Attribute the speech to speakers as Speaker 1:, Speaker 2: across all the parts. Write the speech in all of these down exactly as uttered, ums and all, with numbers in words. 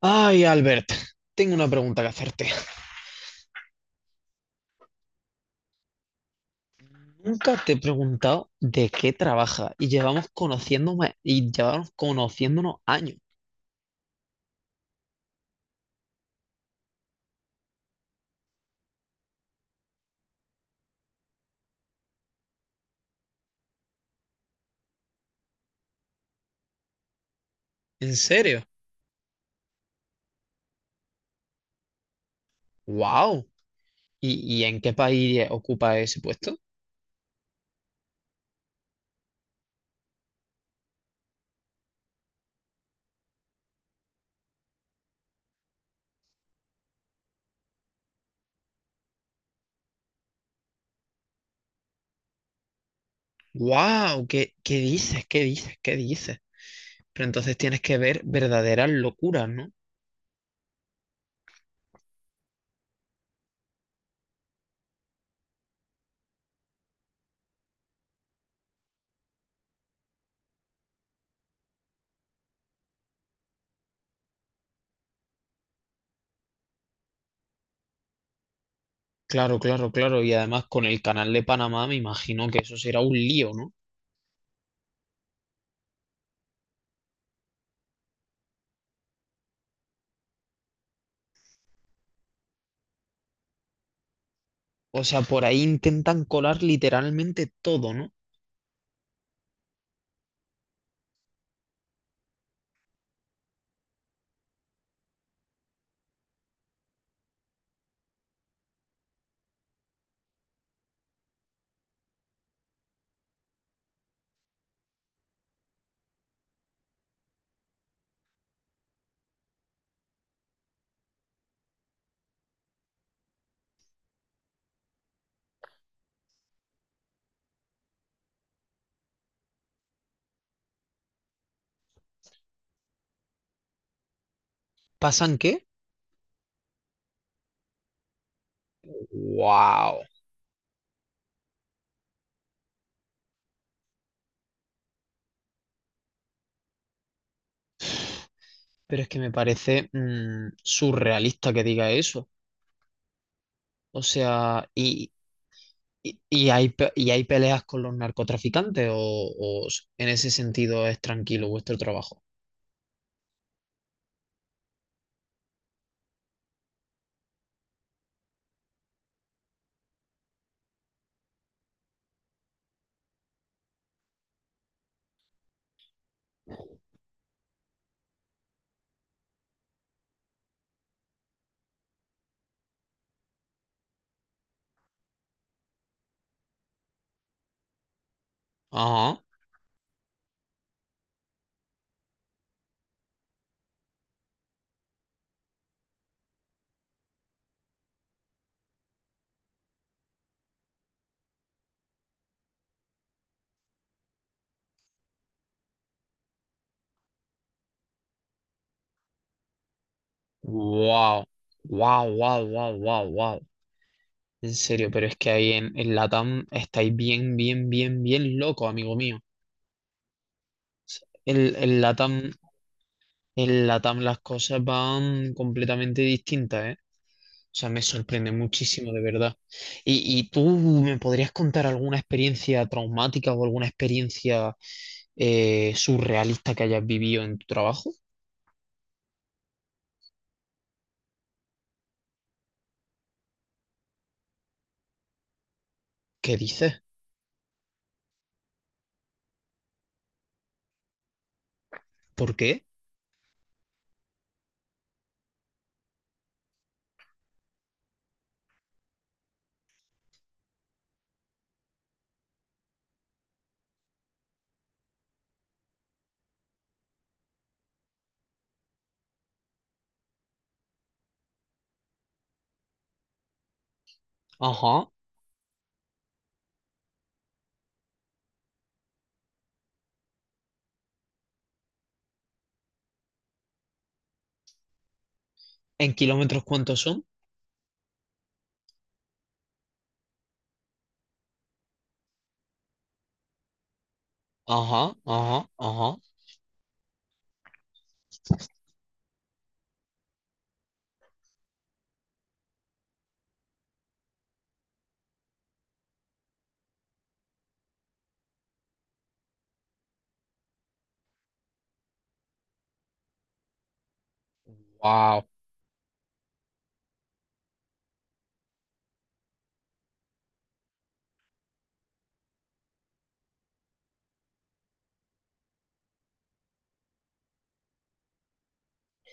Speaker 1: Ay, Albert, tengo una pregunta que hacerte. Nunca te he preguntado de qué trabaja y llevamos conociéndome y llevamos conociéndonos años. ¿En serio? ¡Wow! ¿Y, y en qué país ocupa ese puesto? ¡Wow! ¿Qué, qué dices? ¿Qué dices? ¿Qué dices? Pero entonces tienes que ver verdaderas locuras, ¿no? Claro, claro, claro. Y además con el canal de Panamá me imagino que eso será un lío, ¿no? O sea, por ahí intentan colar literalmente todo, ¿no? ¿Pasan qué? ¡Wow! Pero es que me parece mm, surrealista que diga eso. O sea, y, y, y hay, pe- y hay peleas con los narcotraficantes o, o s- en ese sentido es tranquilo vuestro trabajo. Ajá. Wow. Wow, wow, wow, wow, wow. En serio, pero es que ahí en, en Latam estáis bien, bien, bien, bien loco, amigo mío. En, en Latam, en Latam las cosas van completamente distintas, ¿eh? Sea, me sorprende muchísimo, de verdad. ¿Y, y tú me podrías contar alguna experiencia traumática o alguna experiencia eh, surrealista que hayas vivido en tu trabajo? ¿Qué dices? ¿Por qué? Ajá. ¿En kilómetros cuántos son? Ajá, ajá, ajá. Wow,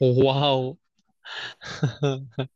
Speaker 1: wow.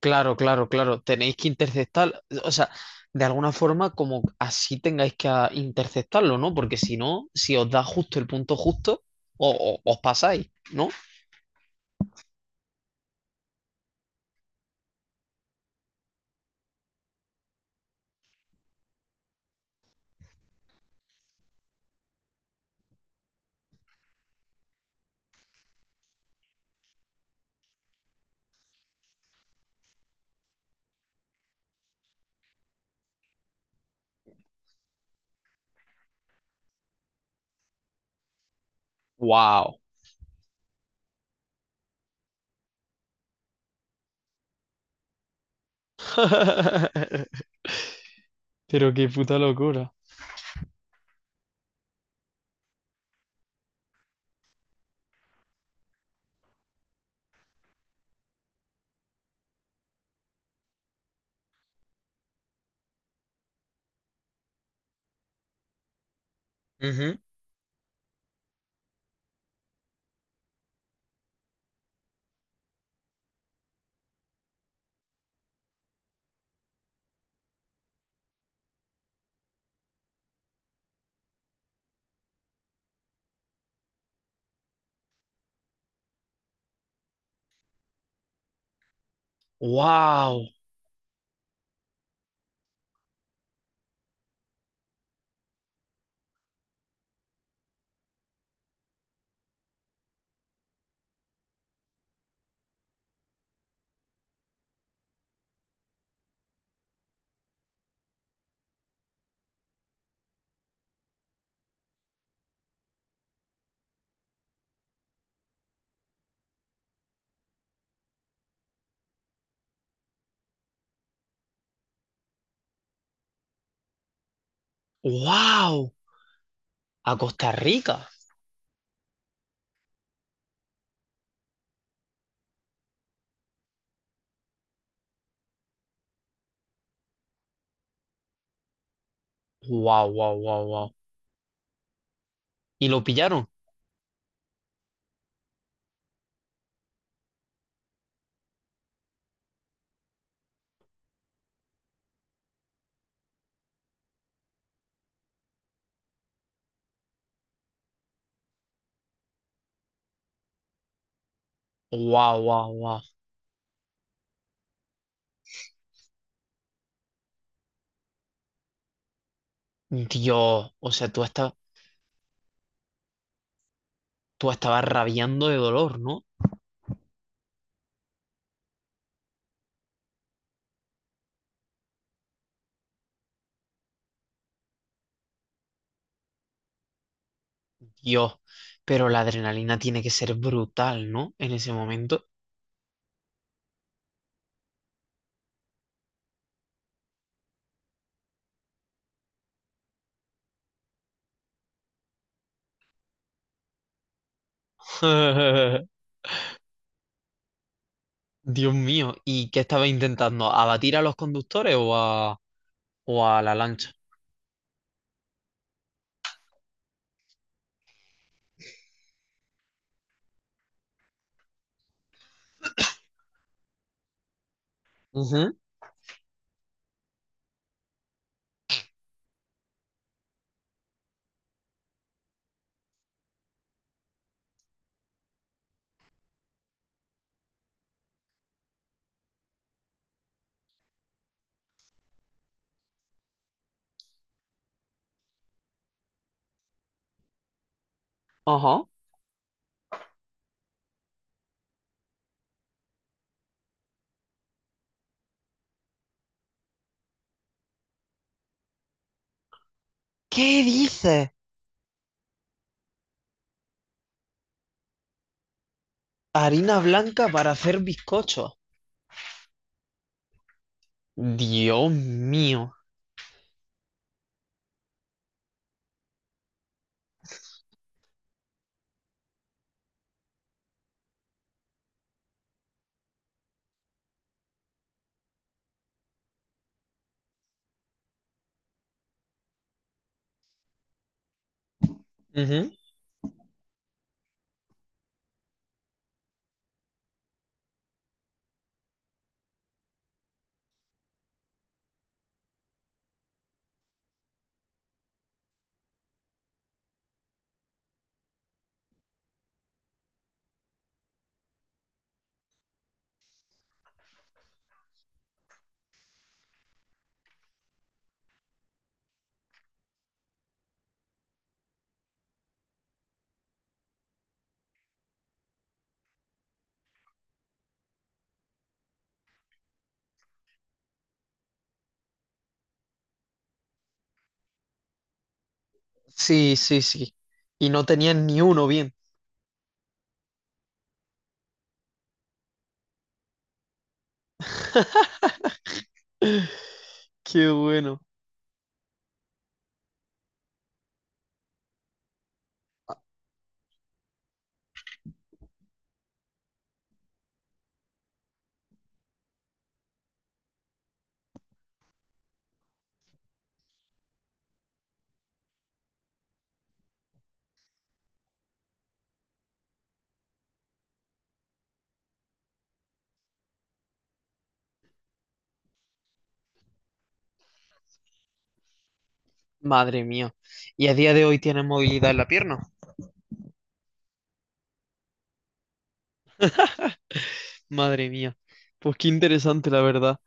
Speaker 1: Claro, claro, claro. Tenéis que interceptar, o sea, de alguna forma como así tengáis que a- interceptarlo, ¿no? Porque si no, si os da justo el punto justo, o- o- os pasáis, ¿no? ¡Wow! Pero qué puta locura. ¡Wow! ¡Wow! A Costa Rica. ¡Wow, wow, wow, wow! ¿Y lo pillaron? ¡Wow, wow, wow! Dios, o sea, tú, esta- tú estabas rabiando de dolor, ¿no? Dios, pero la adrenalina tiene que ser brutal, ¿no? En ese momento. Dios mío, ¿y qué estaba intentando? ¿Abatir a los conductores o a, o a la lancha? Ujú. Ajá. ¿Qué dices? Harina blanca para hacer bizcochos. Dios mío. Ujú. Sí, sí, sí. Y no tenían ni uno bien. Qué bueno. Madre mía. ¿Y a día de hoy tienes movilidad en la pierna? Madre mía. Pues qué interesante, la verdad.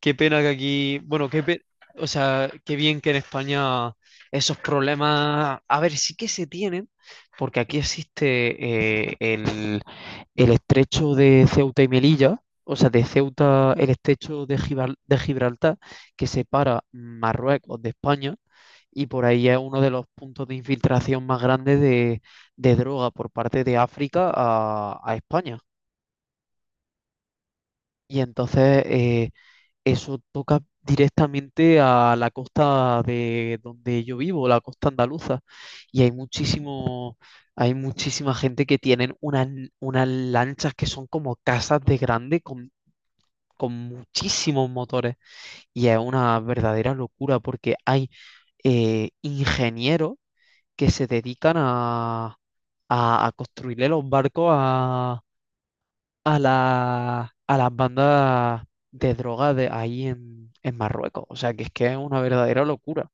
Speaker 1: Qué pena que aquí, bueno, qué pe- o sea, qué bien que en España esos problemas, a ver, sí que se tienen, porque aquí existe eh, el, el estrecho de Ceuta y Melilla, o sea, de Ceuta, el estrecho de Gibral- de Gibraltar, que separa Marruecos de España, y por ahí es uno de los puntos de infiltración más grandes de, de droga por parte de África a a España. Y entonces eh, eso toca directamente a la costa de donde yo vivo, la costa andaluza. Y hay muchísimo, hay muchísima gente que tienen unas, unas lanchas que son como casas de grande con, con muchísimos motores. Y es una verdadera locura porque hay eh, ingenieros que se dedican a, a, a construirle los barcos a la, a las bandas de droga de ahí en, en Marruecos. O sea, que es que es una verdadera locura.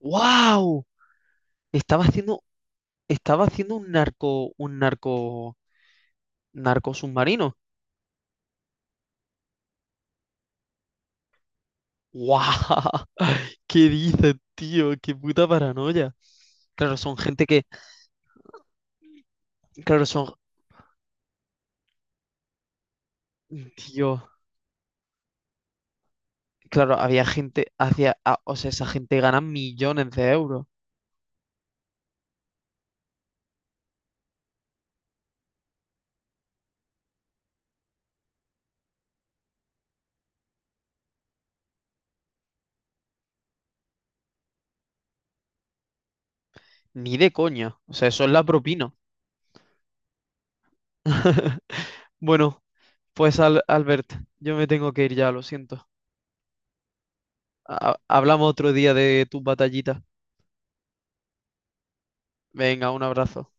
Speaker 1: ¡Wow! Estaba haciendo, estaba haciendo un narco, un narco, narco submarino. ¡Wow! ¿Qué dices, tío? ¡Qué puta paranoia! Claro, son gente que, claro, son, tío claro, había gente hacia, a- o sea, esa gente gana millones de euros. Ni de coña. O sea, eso es la propina. Bueno, pues Al- Albert, yo me tengo que ir ya, lo siento. Ha- hablamos otro día de tus batallitas. Venga, un abrazo.